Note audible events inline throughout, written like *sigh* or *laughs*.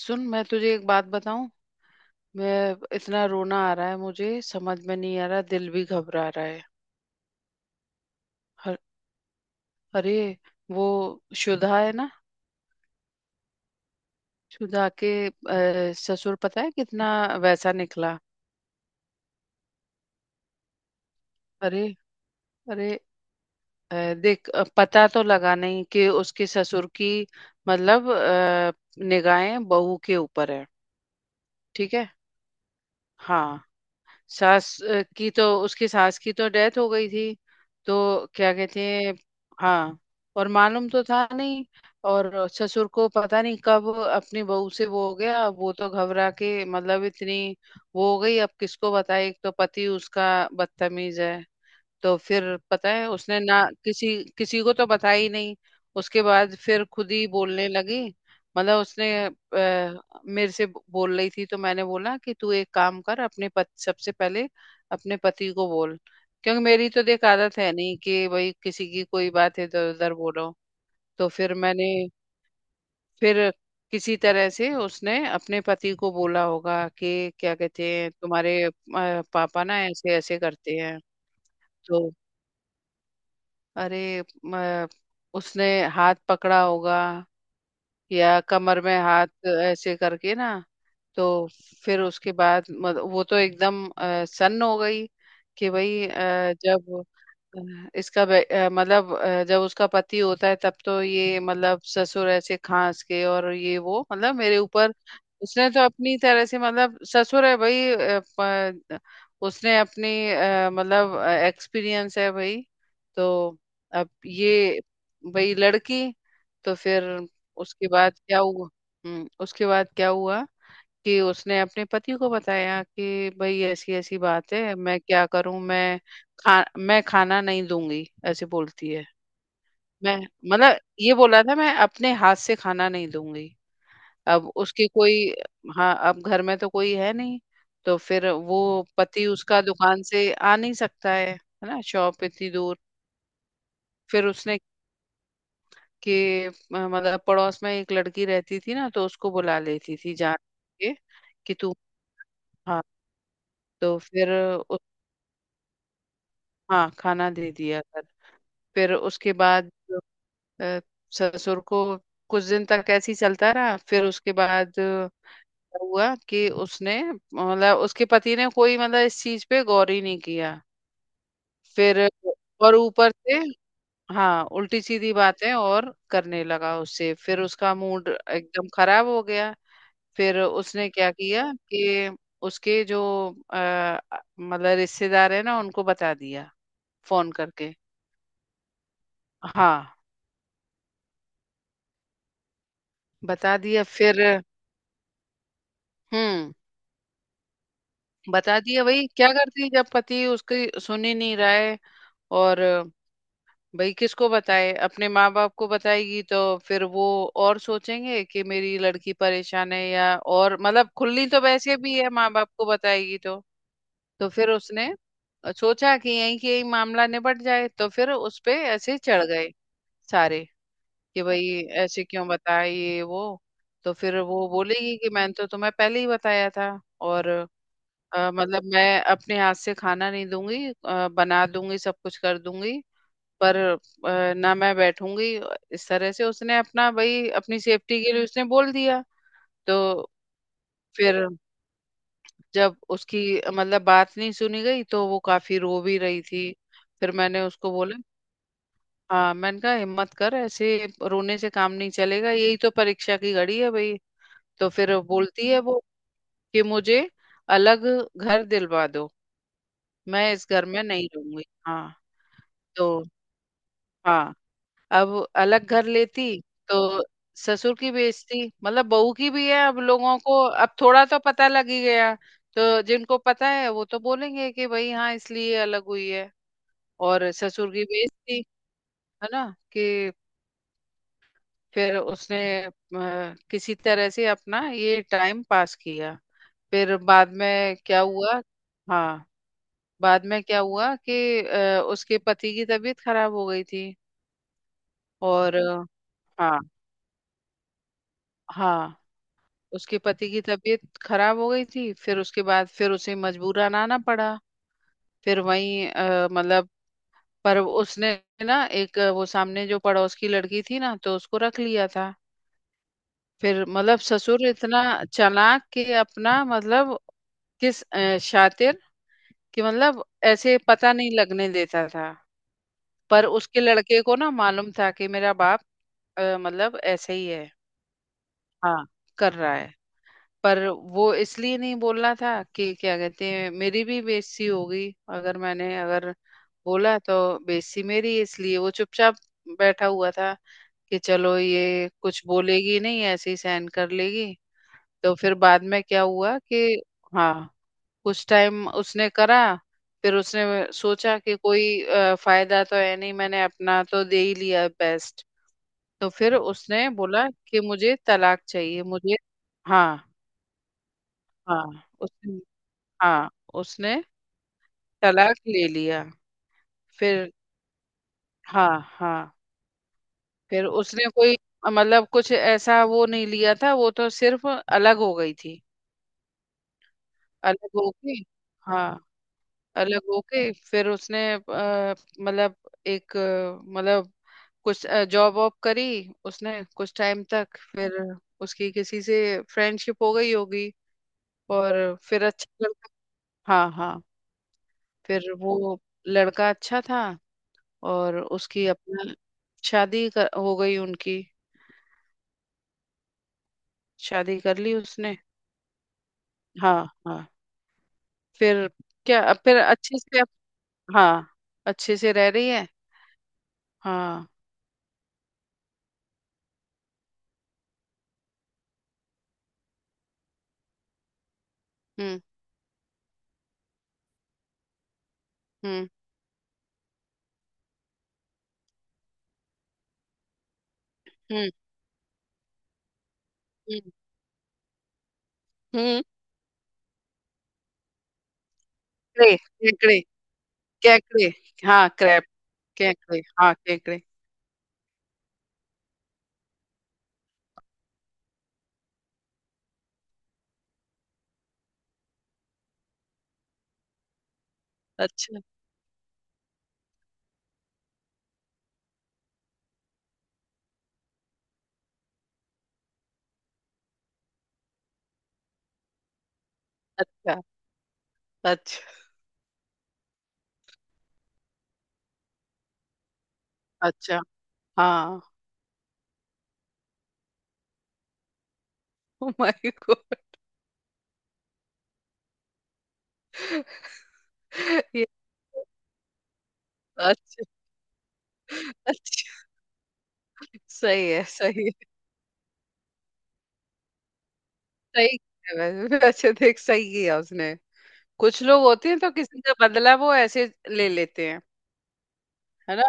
सुन, मैं तुझे एक बात बताऊं। मैं इतना रोना आ रहा है, मुझे समझ में नहीं आ रहा, दिल भी घबरा रहा है। हर, अरे, वो शुदा है ना। शुदा के ससुर, पता है कितना वैसा निकला। अरे, अरे। देख, पता तो लगा नहीं कि उसके ससुर की, मतलब निगाहें बहू के ऊपर है। ठीक है। हाँ। सास अ, की तो उसकी सास की तो डेथ हो गई थी। तो क्या कहते हैं। हाँ। और मालूम तो था नहीं। और ससुर को पता नहीं कब अपनी बहू से वो हो गया, वो तो घबरा के, मतलब, इतनी वो हो गई। अब किसको बताए, एक तो पति उसका बदतमीज है। तो फिर पता है, उसने ना किसी किसी को तो बताया ही नहीं। उसके बाद फिर खुद ही बोलने लगी, मतलब उसने मेरे से बोल रही थी। तो मैंने बोला कि तू एक काम कर, अपने सबसे पहले अपने पति को बोल, क्योंकि मेरी तो, देख, आदत है नहीं कि भाई किसी की कोई बात इधर उधर बोलो। तो फिर मैंने, फिर किसी तरह से उसने अपने पति को बोला होगा कि क्या कहते हैं, तुम्हारे पापा ना ऐसे ऐसे करते हैं। तो, अरे, उसने हाथ पकड़ा होगा, या कमर में हाथ ऐसे करके ना। तो फिर उसके बाद वो तो एकदम सन्न हो गई कि भाई, जब मतलब, जब उसका पति होता है तब तो ये, मतलब, ससुर ऐसे खांस के और ये वो, मतलब, मेरे ऊपर। उसने तो अपनी तरह से, मतलब, ससुर है भाई, उसने अपनी मतलब, एक्सपीरियंस है भाई। तो अब ये, भाई, लड़की। तो फिर उसके बाद क्या हुआ। हम्म। उसके बाद क्या हुआ कि उसने अपने पति को बताया कि भाई ऐसी ऐसी बात है, मैं क्या करूं, मैं खाना नहीं दूंगी, ऐसे बोलती है। मैं, मतलब, ये बोला था, मैं अपने हाथ से खाना नहीं दूंगी। अब उसके कोई, हाँ, अब घर में तो कोई है नहीं, तो फिर वो, पति उसका दुकान से आ नहीं सकता है ना, शॉप इतनी दूर। फिर उसने, के मतलब, पड़ोस में एक लड़की रहती थी ना, तो उसको बुला लेती थी, जान के कि तू, हाँ, तो फिर, हाँ, खाना दे दिया कर। फिर उसके बाद अ, ससुर को कुछ दिन तक ऐसे ही चलता रहा, फिर उसके बाद हुआ कि उसने, मतलब उसके पति ने, कोई, मतलब, इस चीज पे गौर ही नहीं किया। फिर और ऊपर से, हाँ, उल्टी सीधी बातें और करने लगा उससे, फिर उसका मूड एकदम खराब हो गया। फिर उसने क्या किया कि उसके जो अ, मतलब रिश्तेदार है ना, उनको बता दिया, फोन करके। हाँ, बता दिया फिर। हम्म। बता दिया, भाई क्या करती, जब पति उसकी सुन ही नहीं रहा है। और भाई किसको बताए, अपने माँ बाप को बताएगी तो फिर वो और सोचेंगे कि मेरी लड़की परेशान है, या और, मतलब, खुली तो वैसे भी है, माँ बाप को बताएगी तो। तो फिर उसने सोचा कि यहीं के यहीं मामला निपट जाए, तो फिर उस पे ऐसे चढ़ गए सारे कि भाई ऐसे क्यों बताया ये वो। तो फिर वो बोलेगी कि मैंने तो तुम्हें पहले ही बताया था, और मतलब, मैं अपने हाथ से खाना नहीं दूंगी, बना दूंगी, सब कुछ कर दूंगी, पर ना मैं बैठूंगी। इस तरह से उसने अपना, भाई, अपनी सेफ्टी के लिए उसने बोल दिया। तो फिर जब उसकी मतलब बात नहीं सुनी गई, तो वो काफी रो भी रही थी। फिर मैंने उसको बोला, हाँ, मैंने कहा हिम्मत कर, ऐसे रोने से काम नहीं चलेगा, यही तो परीक्षा की घड़ी है भाई। तो फिर वो बोलती है, वो, कि मुझे अलग घर दिलवा दो, मैं इस घर में नहीं रहूंगी। हाँ। तो, हाँ, अब, अलग घर लेती तो ससुर की बेइज्जती, मतलब, बहू की भी है, अब लोगों को अब थोड़ा तो पता लग ही गया। तो जिनको पता है वो तो बोलेंगे कि भाई, हाँ, इसलिए अलग हुई है, और ससुर की बेइज्जती, है ना, कि फिर उसने अ, किसी तरह से अपना ये टाइम पास किया। फिर बाद में क्या हुआ। हाँ, बाद में क्या हुआ कि उसके पति की तबीयत खराब हो गई थी, और हाँ, हाँ, उसके पति की तबीयत खराब हो गई थी, फिर उसके बाद फिर उसे मजबूरन आना पड़ा। फिर वहीं मतलब, पर उसने ना एक, वो सामने जो पड़ोस की लड़की थी ना, तो उसको रख लिया था। फिर, मतलब, ससुर इतना चालाक कि अपना, मतलब, शातिर कि, मतलब, ऐसे पता नहीं लगने देता था। पर उसके लड़के को ना मालूम था कि मेरा बाप मतलब ऐसे ही है। हाँ, कर रहा है। पर वो इसलिए नहीं बोलना था कि क्या कहते हैं, मेरी भी बेइज्जती होगी, अगर मैंने अगर बोला तो बेइज्जती मेरी, इसलिए वो चुपचाप बैठा हुआ था कि चलो ये कुछ बोलेगी नहीं, ऐसे ही सहन कर लेगी। तो फिर बाद में क्या हुआ कि, हाँ, कुछ टाइम उसने करा, फिर उसने सोचा कि कोई फायदा तो है नहीं, मैंने अपना तो दे ही लिया बेस्ट। तो फिर उसने बोला कि मुझे तलाक चाहिए मुझे। हाँ, हाँ। उसने, हाँ, उसने तलाक ले लिया। फिर, हाँ, हाँ, फिर उसने कोई, मतलब, कुछ ऐसा वो नहीं लिया था, वो तो सिर्फ अलग हो गई थी। अलग होके, हाँ, अलग होके फिर उसने मतलब, एक मतलब, कुछ जॉब वॉब करी उसने कुछ टाइम तक, फिर उसकी किसी से फ्रेंडशिप हो गई होगी, और फिर अच्छा लड़का, हाँ, हाँ, फिर वो लड़का अच्छा था, और उसकी अपना हो गई उनकी, शादी कर ली उसने। हाँ, हाँ। फिर क्या, फिर अच्छे से हाँ, अच्छे से रह रही है। हाँ। हम्म। हम्म। हम्म। हम्म। हम्म। कैकड़े। कैकड़े। कैकड़े। हाँ, क्रैप। कैकड़े। हाँ, कैकड़े। अच्छा। अच्छा। अच्छा। अच्छा। हाँ, ओ माय गॉड। ये, अच्छा, अच्छा। सही है, सही है। सही है वैसे, *laughs* वैसे देख, सही किया उसने। कुछ लोग होते हैं तो किसी का बदला वो ऐसे ले लेते हैं, है ना।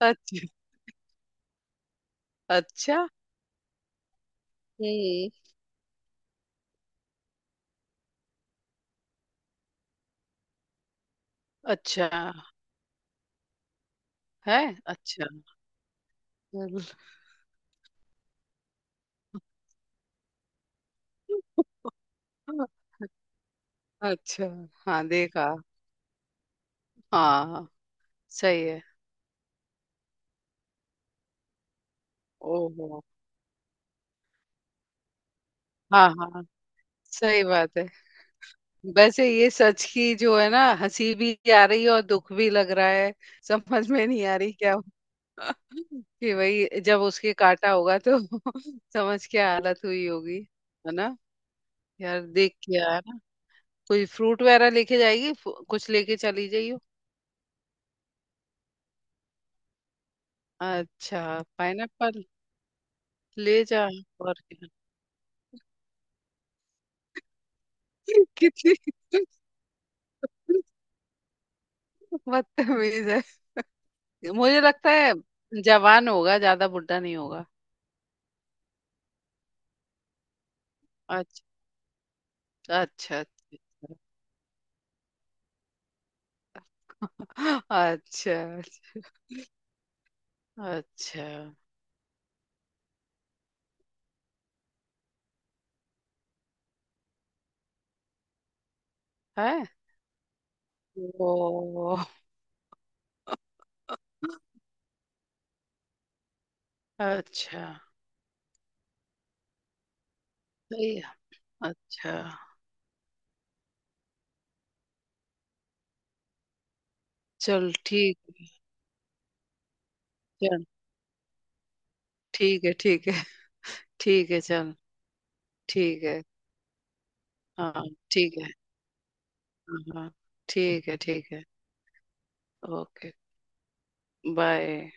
अच्छा। अच्छा। हम्म। अच्छा। है। अच्छा। *laughs* चलो। अच्छा। हाँ, देखा। हाँ, सही है। ओहो। हाँ, हाँ, सही बात है। वैसे ये सच की जो है ना, हंसी भी आ रही है और दुख भी लग रहा है। समझ में नहीं आ रही क्या हुआ। *laughs* कि वही, जब उसके काटा होगा तो *laughs* समझ क्या हालत हुई होगी। है ना। यार, देख के आया ना, कोई फ्रूट वगैरह लेके जाएगी, कुछ लेके चली जाइयो। अच्छा, पाइनएप्पल। ले जा, और क्या। *laughs* कितनी बदतमीज है। मुझे लगता है जवान होगा, ज्यादा बुढ़ा नहीं होगा। अच्छा। अच्छा। अच्छा। अच्छा। अच्छा। अच्छा, है। ओ। अच्छा। सही है। अच्छा। चल, ठीक। चल। ठीक है। ठीक है। ठीक है, चल। ठीक है। हाँ। ठीक है। हाँ, हाँ। ठीक है। ठीक है। ओके। बाय।